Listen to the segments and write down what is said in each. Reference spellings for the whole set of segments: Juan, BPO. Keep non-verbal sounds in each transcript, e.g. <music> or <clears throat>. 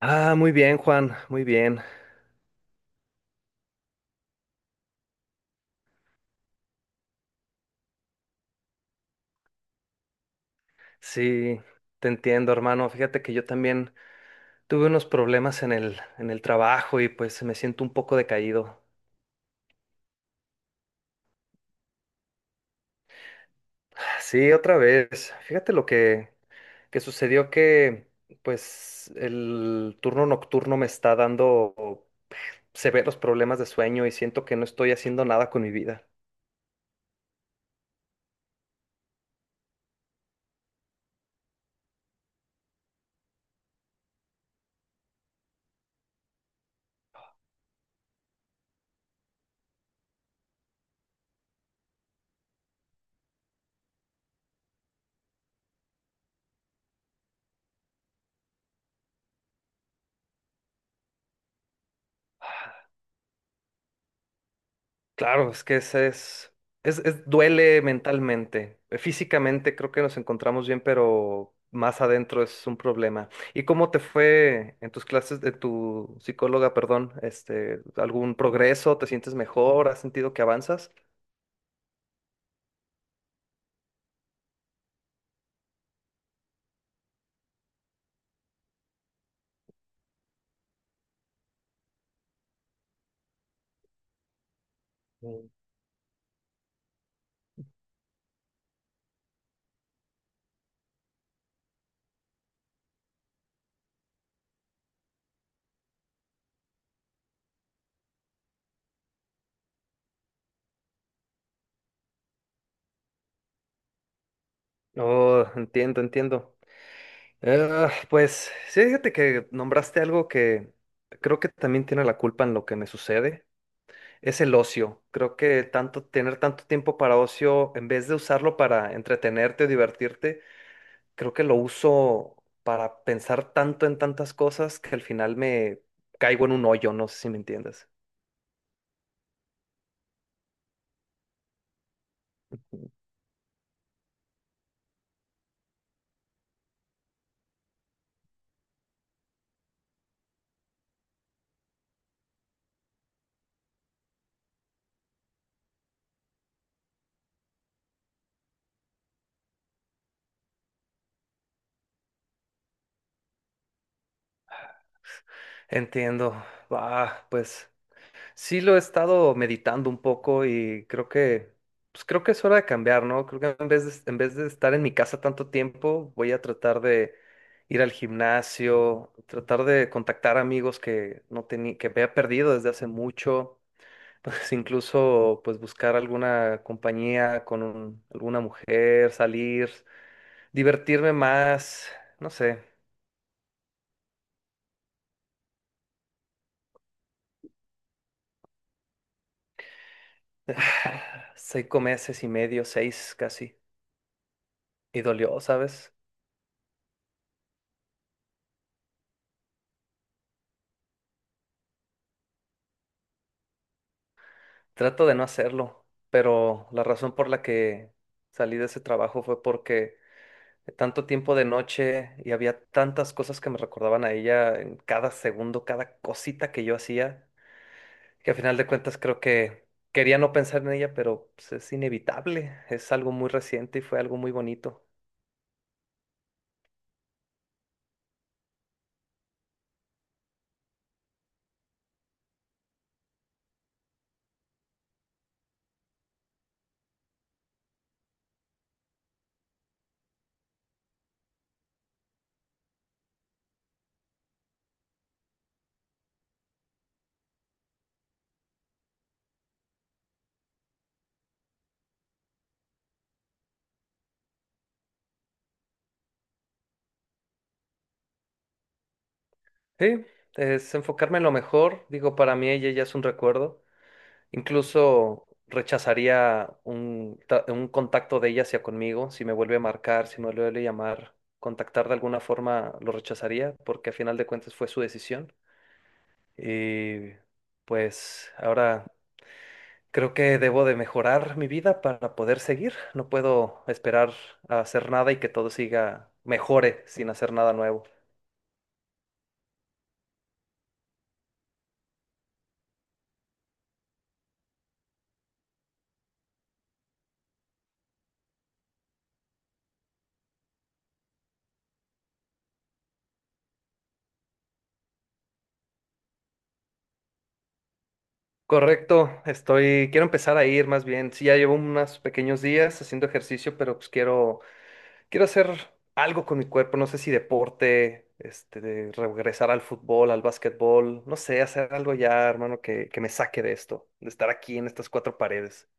Ah, muy bien, Juan, muy bien. Sí, te entiendo, hermano. Fíjate que yo también tuve unos problemas en el trabajo y pues me siento un poco decaído. Sí, otra vez. Fíjate que sucedió que pues el turno nocturno me está dando severos problemas de sueño y siento que no estoy haciendo nada con mi vida. Claro, es que ese duele mentalmente. Físicamente creo que nos encontramos bien, pero más adentro es un problema. ¿Y cómo te fue en tus clases de tu psicóloga, perdón? Este, ¿algún progreso? ¿Te sientes mejor? ¿Has sentido que avanzas? Mm. Oh, entiendo, entiendo. Pues sí, fíjate que nombraste algo que creo que también tiene la culpa en lo que me sucede. Es el ocio. Creo que tanto tener tanto tiempo para ocio, en vez de usarlo para entretenerte o divertirte, creo que lo uso para pensar tanto en tantas cosas que al final me caigo en un hoyo, no sé si me entiendes. <laughs> Entiendo. Va, pues. Sí, lo he estado meditando un poco y creo que, pues creo que es hora de cambiar, ¿no? Creo que en vez de estar en mi casa tanto tiempo, voy a tratar de ir al gimnasio, tratar de contactar amigos que no tenía, que había perdido desde hace mucho, <laughs> incluso pues buscar alguna compañía alguna mujer, salir, divertirme más, no sé, <sighs> 5 meses y medio, seis casi, y dolió, ¿sabes? Trato de no hacerlo, pero la razón por la que salí de ese trabajo fue porque tanto tiempo de noche y había tantas cosas que me recordaban a ella en cada segundo, cada cosita que yo hacía, que a final de cuentas creo que quería no pensar en ella, pero pues, es inevitable, es algo muy reciente y fue algo muy bonito. Sí, es enfocarme en lo mejor, digo, para mí ella ya es un recuerdo. Incluso rechazaría un contacto de ella hacia conmigo, si me vuelve a marcar, si me vuelve a llamar, contactar de alguna forma lo rechazaría, porque a final de cuentas fue su decisión. Y pues ahora creo que debo de mejorar mi vida para poder seguir. No puedo esperar a hacer nada y que todo siga mejore sin hacer nada nuevo. Correcto, quiero empezar a ir más bien. Sí, ya llevo unos pequeños días haciendo ejercicio, pero pues Quiero hacer algo con mi cuerpo, no sé si deporte, este, de regresar al fútbol, al básquetbol, no sé, hacer algo ya, hermano, que me saque de esto, de estar aquí en estas cuatro paredes.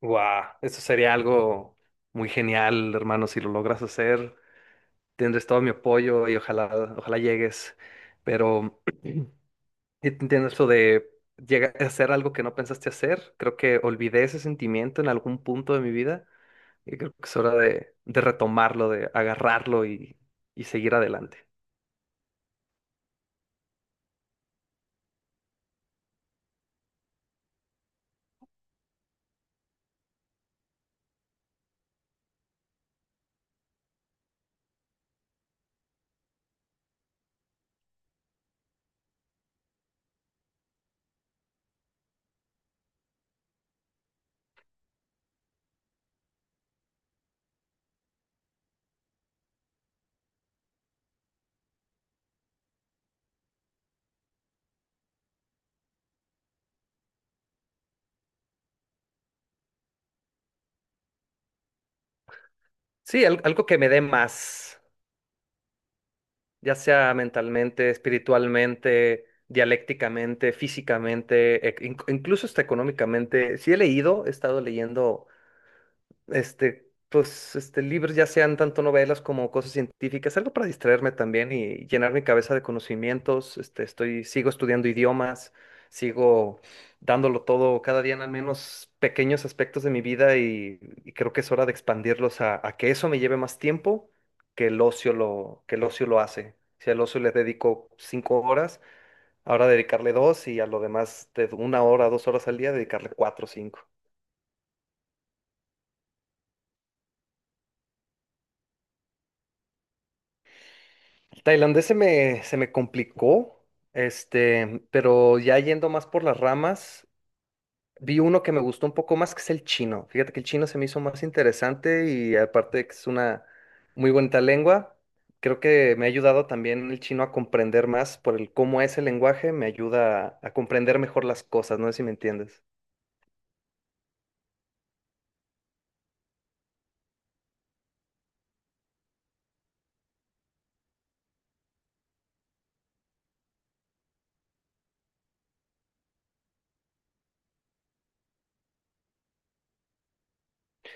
Guau, eso sería algo muy genial, hermano, si lo logras hacer, tendrás todo mi apoyo y ojalá, ojalá llegues, pero <clears throat> entiendo eso de llegar a hacer algo que no pensaste hacer, creo que olvidé ese sentimiento en algún punto de mi vida. Y creo que es hora de retomarlo, de agarrarlo y seguir adelante. Sí, algo que me dé más, ya sea mentalmente, espiritualmente, dialécticamente, físicamente, incluso hasta económicamente. Sí he leído, he estado leyendo pues, libros, ya sean tanto novelas como cosas científicas, algo para distraerme también y llenar mi cabeza de conocimientos. Sigo estudiando idiomas, sigo dándolo todo cada día en al menos pequeños aspectos de mi vida y creo que es hora de expandirlos a que eso me lleve más tiempo que que el ocio lo hace. Si al ocio le dedico 5 horas, ahora dedicarle dos y a lo demás de 1 hora, 2 horas al día, dedicarle cuatro o cinco. Tailandés se me complicó, pero ya yendo más por las ramas, vi uno que me gustó un poco más, que es el chino. Fíjate que el chino se me hizo más interesante y aparte de que es una muy bonita lengua, creo que me ha ayudado también el chino a comprender más por el cómo es el lenguaje, me ayuda a comprender mejor las cosas, no sé si me entiendes.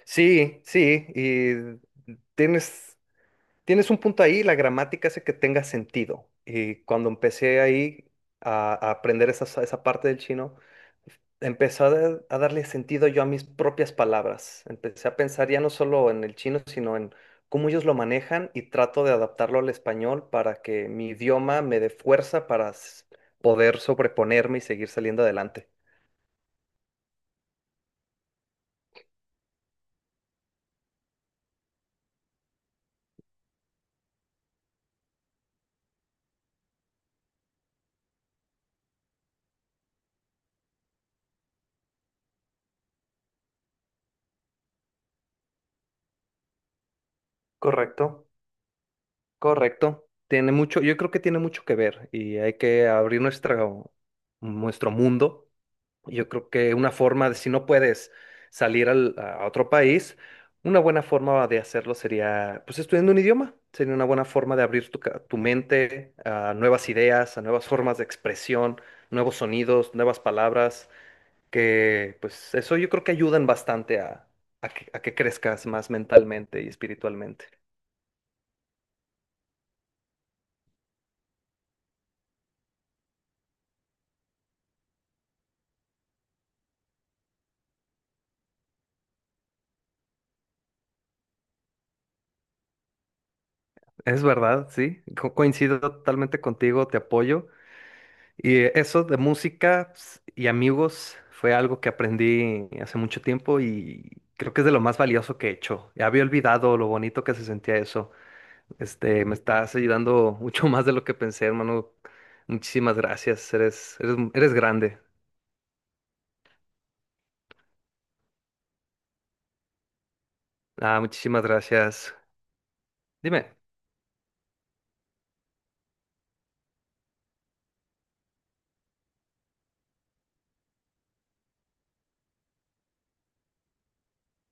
Sí, sí, y tienes Tienes un punto ahí, la gramática hace que tenga sentido. Y cuando empecé ahí a aprender esa parte del chino, empecé a darle sentido yo a mis propias palabras. Empecé a pensar ya no solo en el chino, sino en cómo ellos lo manejan y trato de adaptarlo al español para que mi idioma me dé fuerza para poder sobreponerme y seguir saliendo adelante. Correcto, correcto. Tiene mucho, yo creo que tiene mucho que ver y hay que abrir nuestro mundo. Yo creo que una forma de, si no puedes salir a otro país, una buena forma de hacerlo sería, pues, estudiando un idioma. Sería una buena forma de abrir tu mente a nuevas ideas, a nuevas formas de expresión, nuevos sonidos, nuevas palabras, que, pues, eso yo creo que ayudan bastante a que crezcas más mentalmente y espiritualmente. Es verdad, sí, coincido totalmente contigo, te apoyo. Y eso de música ps, y amigos fue algo que aprendí hace mucho tiempo y creo que es de lo más valioso que he hecho. Ya había olvidado lo bonito que se sentía eso. Me estás ayudando <laughs> mucho más de lo que pensé, hermano. Muchísimas gracias. Eres, eres, eres grande. Ah, muchísimas gracias. Dime.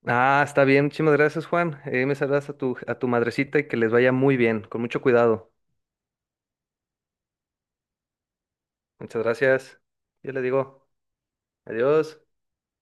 Ah, está bien. Muchísimas gracias, Juan. Me saludas a tu madrecita y que les vaya muy bien, con mucho cuidado. Muchas gracias. Yo le digo adiós.